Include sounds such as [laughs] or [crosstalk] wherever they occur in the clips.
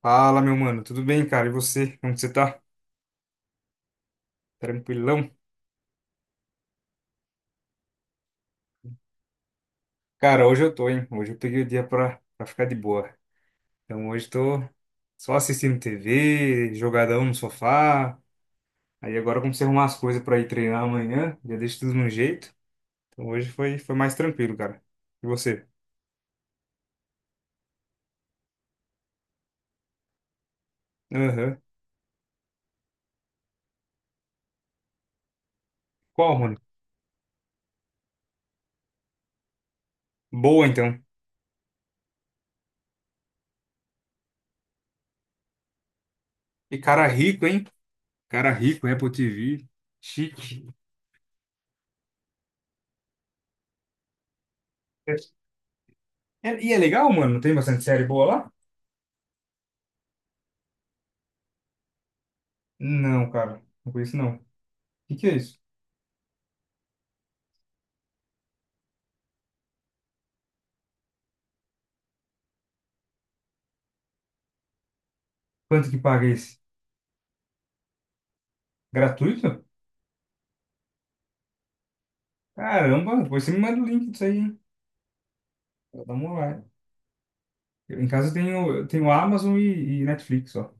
Fala, meu mano, tudo bem, cara? E você? Como que você tá? Tranquilão? Cara, hoje eu tô, hein? Hoje eu peguei o dia pra ficar de boa. Então hoje tô só assistindo TV, jogadão no sofá. Aí agora eu comecei a arrumar as coisas pra ir treinar amanhã, já deixo tudo no jeito. Então hoje foi mais tranquilo, cara. E você? Aham. Qual, mano? Boa, então. E cara rico, hein? Cara rico, Apple TV. Chique. É- e é legal, mano? Tem bastante série boa lá? Não, cara. Não conheço, não. O que é isso? Quanto que paga esse? Gratuito? Caramba, depois você me manda o link disso aí, hein? Eu dou uma olhada. Em casa eu tenho Amazon e Netflix, ó.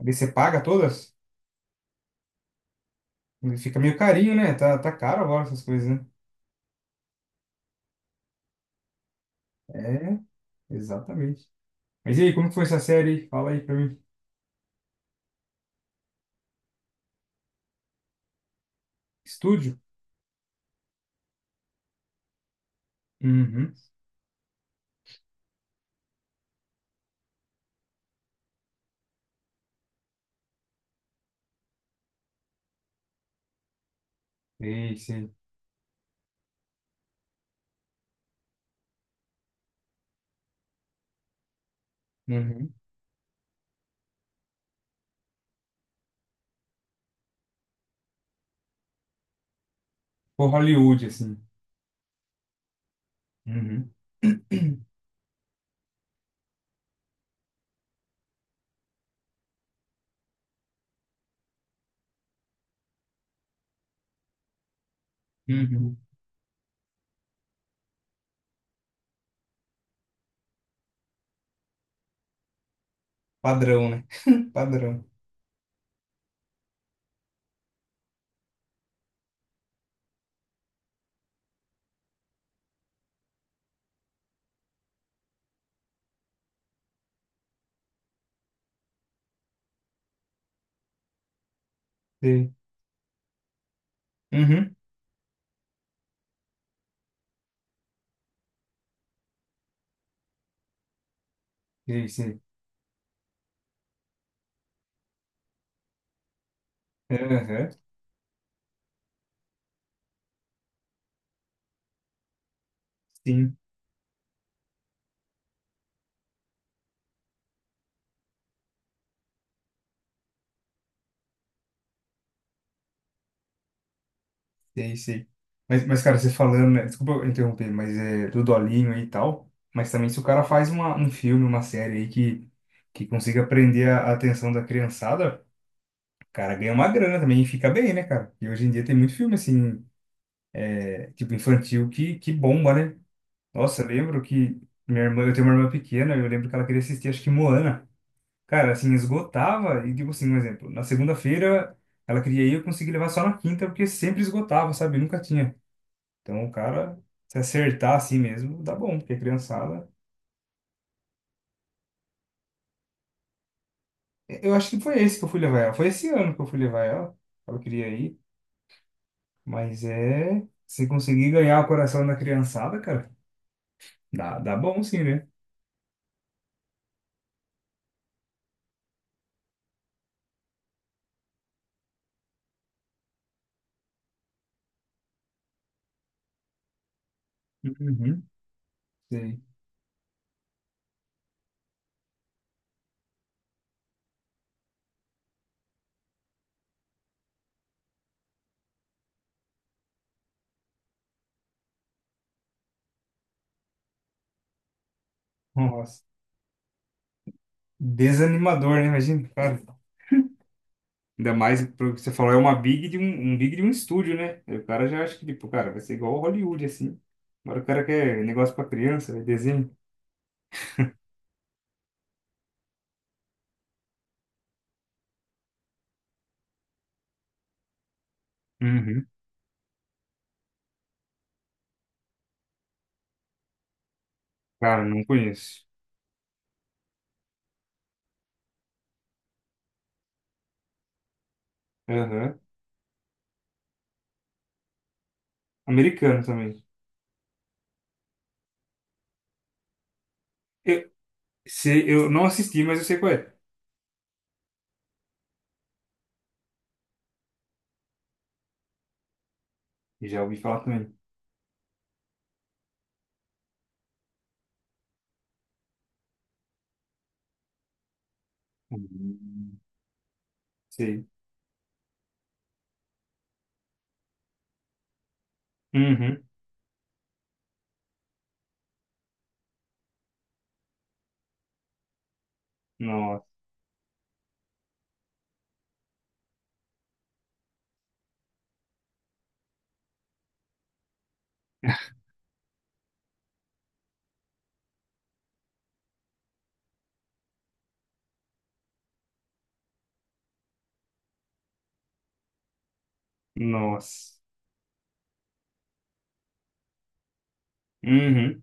Aí você paga todas? Fica meio carinho, né? Tá caro agora essas coisas, né? É, exatamente. Mas e aí, como que foi essa série? Fala aí pra mim. Estúdio? Uhum. Sei, sei. Uhum. Por Hollywood, assim. Uhum. [clears throat] Uhum. Padrão, né? [laughs] Padrão. Sei. Uhum. Sei, sei. Aham. Sim. Sei, sei. Mas, cara, você falando, né? Desculpa eu interromper, mas é do Dolinho aí e tal. Mas também se o cara faz um filme, uma série aí que consiga prender a atenção da criançada, o cara ganha uma grana também e fica bem, né, cara? E hoje em dia tem muito filme, assim, é, tipo infantil que bomba, né? Nossa, eu lembro que minha irmã, eu tenho uma irmã pequena, eu lembro que ela queria assistir, acho que Moana. Cara, assim, esgotava, e tipo assim, um exemplo, na segunda-feira ela queria ir, eu consegui levar só na quinta, porque sempre esgotava, sabe? Nunca tinha. Então, o cara, se acertar assim mesmo, dá bom, porque a criançada. É, eu acho que foi esse que eu fui levar ela. Foi esse ano que eu fui levar ela. Ela queria ir. Mas é. Se conseguir ganhar o coração da criançada, cara, dá bom sim, né? Uhum. Sei. Nossa. Desanimador, né? Imagina, cara. Ainda mais pro que você falou, é uma big de um, um big de um estúdio, né? Aí o cara já acha que, tipo, cara, vai ser igual ao Hollywood, assim. Agora o cara quer negócio pra criança, né? Desenho. Uhum. Cara, não conheço. Aham. Americano também. Eu, sei, eu não assisti, mas eu sei qual é. E já ouvi falar também. Hum. Sei. Uhum. Nossa. Nossa. Uhum.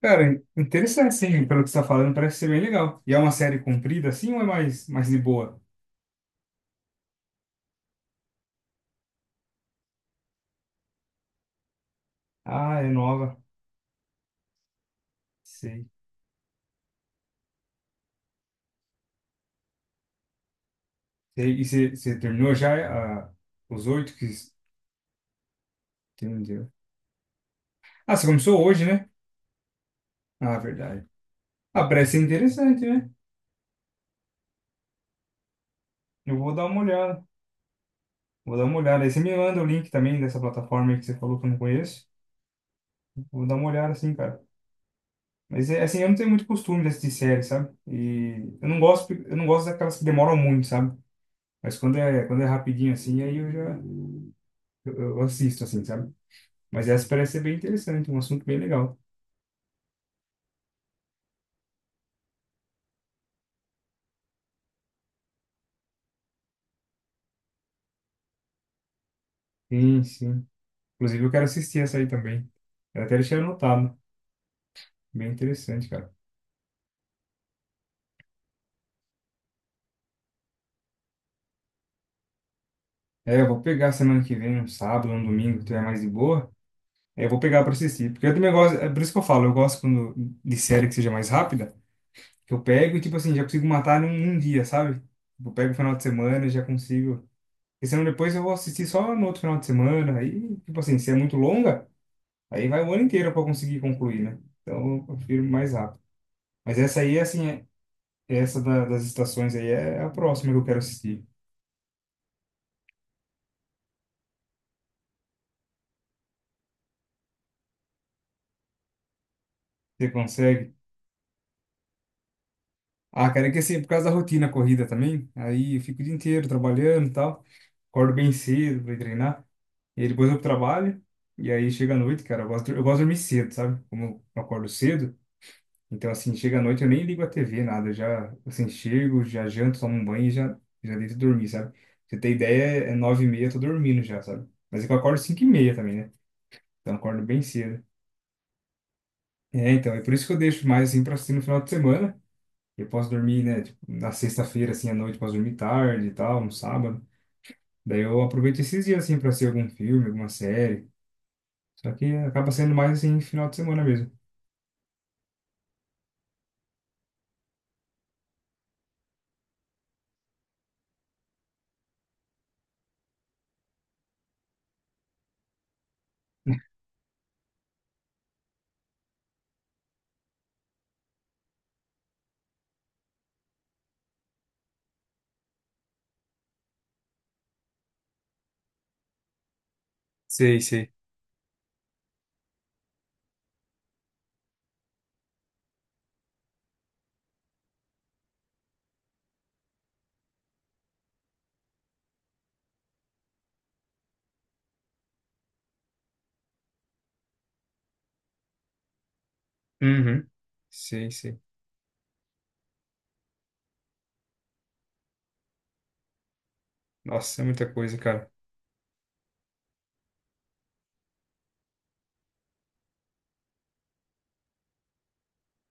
Cara, interessante, sim. Pelo que você tá falando, parece ser bem legal. E é uma série comprida, assim, ou é mais de boa? Ah, é nova. Sei. Sei. E você terminou já, ah, os oito que... Entendeu. Ah, você começou hoje, né? Ah, verdade. Ah, parece ser interessante, né? Eu vou dar uma olhada. Vou dar uma olhada. Aí você me manda o link também dessa plataforma aí que você falou que eu não conheço. Vou dar uma olhada assim, cara. Mas é, assim, eu não tenho muito costume de assistir série, sabe? E eu não gosto daquelas que demoram muito, sabe? Mas quando é rapidinho assim, aí eu já eu assisto assim, sabe? Mas essa parece ser bem interessante, um assunto bem legal. Sim, sim. Inclusive eu quero assistir essa aí também. Eu até deixei anotado. Bem interessante, cara. É, eu vou pegar semana que vem, um sábado, um domingo, que tiver mais de boa. É, eu vou pegar pra assistir. Porque eu também gosto, é por isso que eu falo, eu gosto quando, de série que seja mais rápida. Que eu pego e, tipo assim, já consigo matar num dia, sabe? Tipo, eu pego o final de semana e já consigo. Porque senão depois eu vou assistir só no outro final de semana. Aí, tipo assim, se é muito longa, aí vai o ano inteiro para conseguir concluir, né? Então eu prefiro mais rápido. Mas essa aí, assim, essa das estações aí é a próxima que eu quero assistir. Você consegue? Ah, cara, é que assim, é por causa da rotina corrida também, aí eu fico o dia inteiro trabalhando e tal. Acordo bem cedo pra ir treinar. E aí depois eu trabalho. E aí chega à noite, cara, eu gosto de dormir cedo, sabe? Como eu acordo cedo. Então, assim, chega à noite, eu nem ligo a TV, nada. Eu já, assim, chego, já janto, tomo um banho e já, já deito dormir, sabe? Pra você ter ideia, é nove e meia, eu tô dormindo já, sabe? Mas é que eu acordo cinco e meia também, né? Então, eu acordo bem cedo. É, então, é por isso que eu deixo mais, assim, pra assistir no final de semana. Eu posso dormir, né? Tipo, na sexta-feira, assim, à noite, eu posso dormir tarde e tal, no sábado. Daí eu aproveito esses dias, assim, pra assistir algum filme, alguma série. Só que acaba sendo mais, assim, final de semana mesmo. Sei, sei. Uhum. Sei, sei. Nossa, é muita coisa, cara.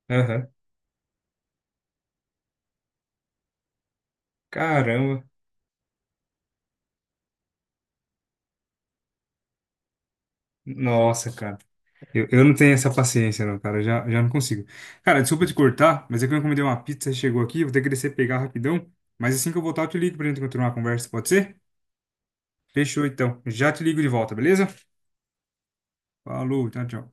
Aham. Caramba. Nossa, cara. Eu não tenho essa paciência, não, cara. Já não consigo. Cara, desculpa te cortar, mas é que eu encomendei uma pizza e chegou aqui. Vou ter que descer e pegar rapidão. Mas assim que eu voltar, eu te ligo pra gente continuar a conversa, pode ser? Fechou, então. Já te ligo de volta, beleza? Falou, tchau, tchau.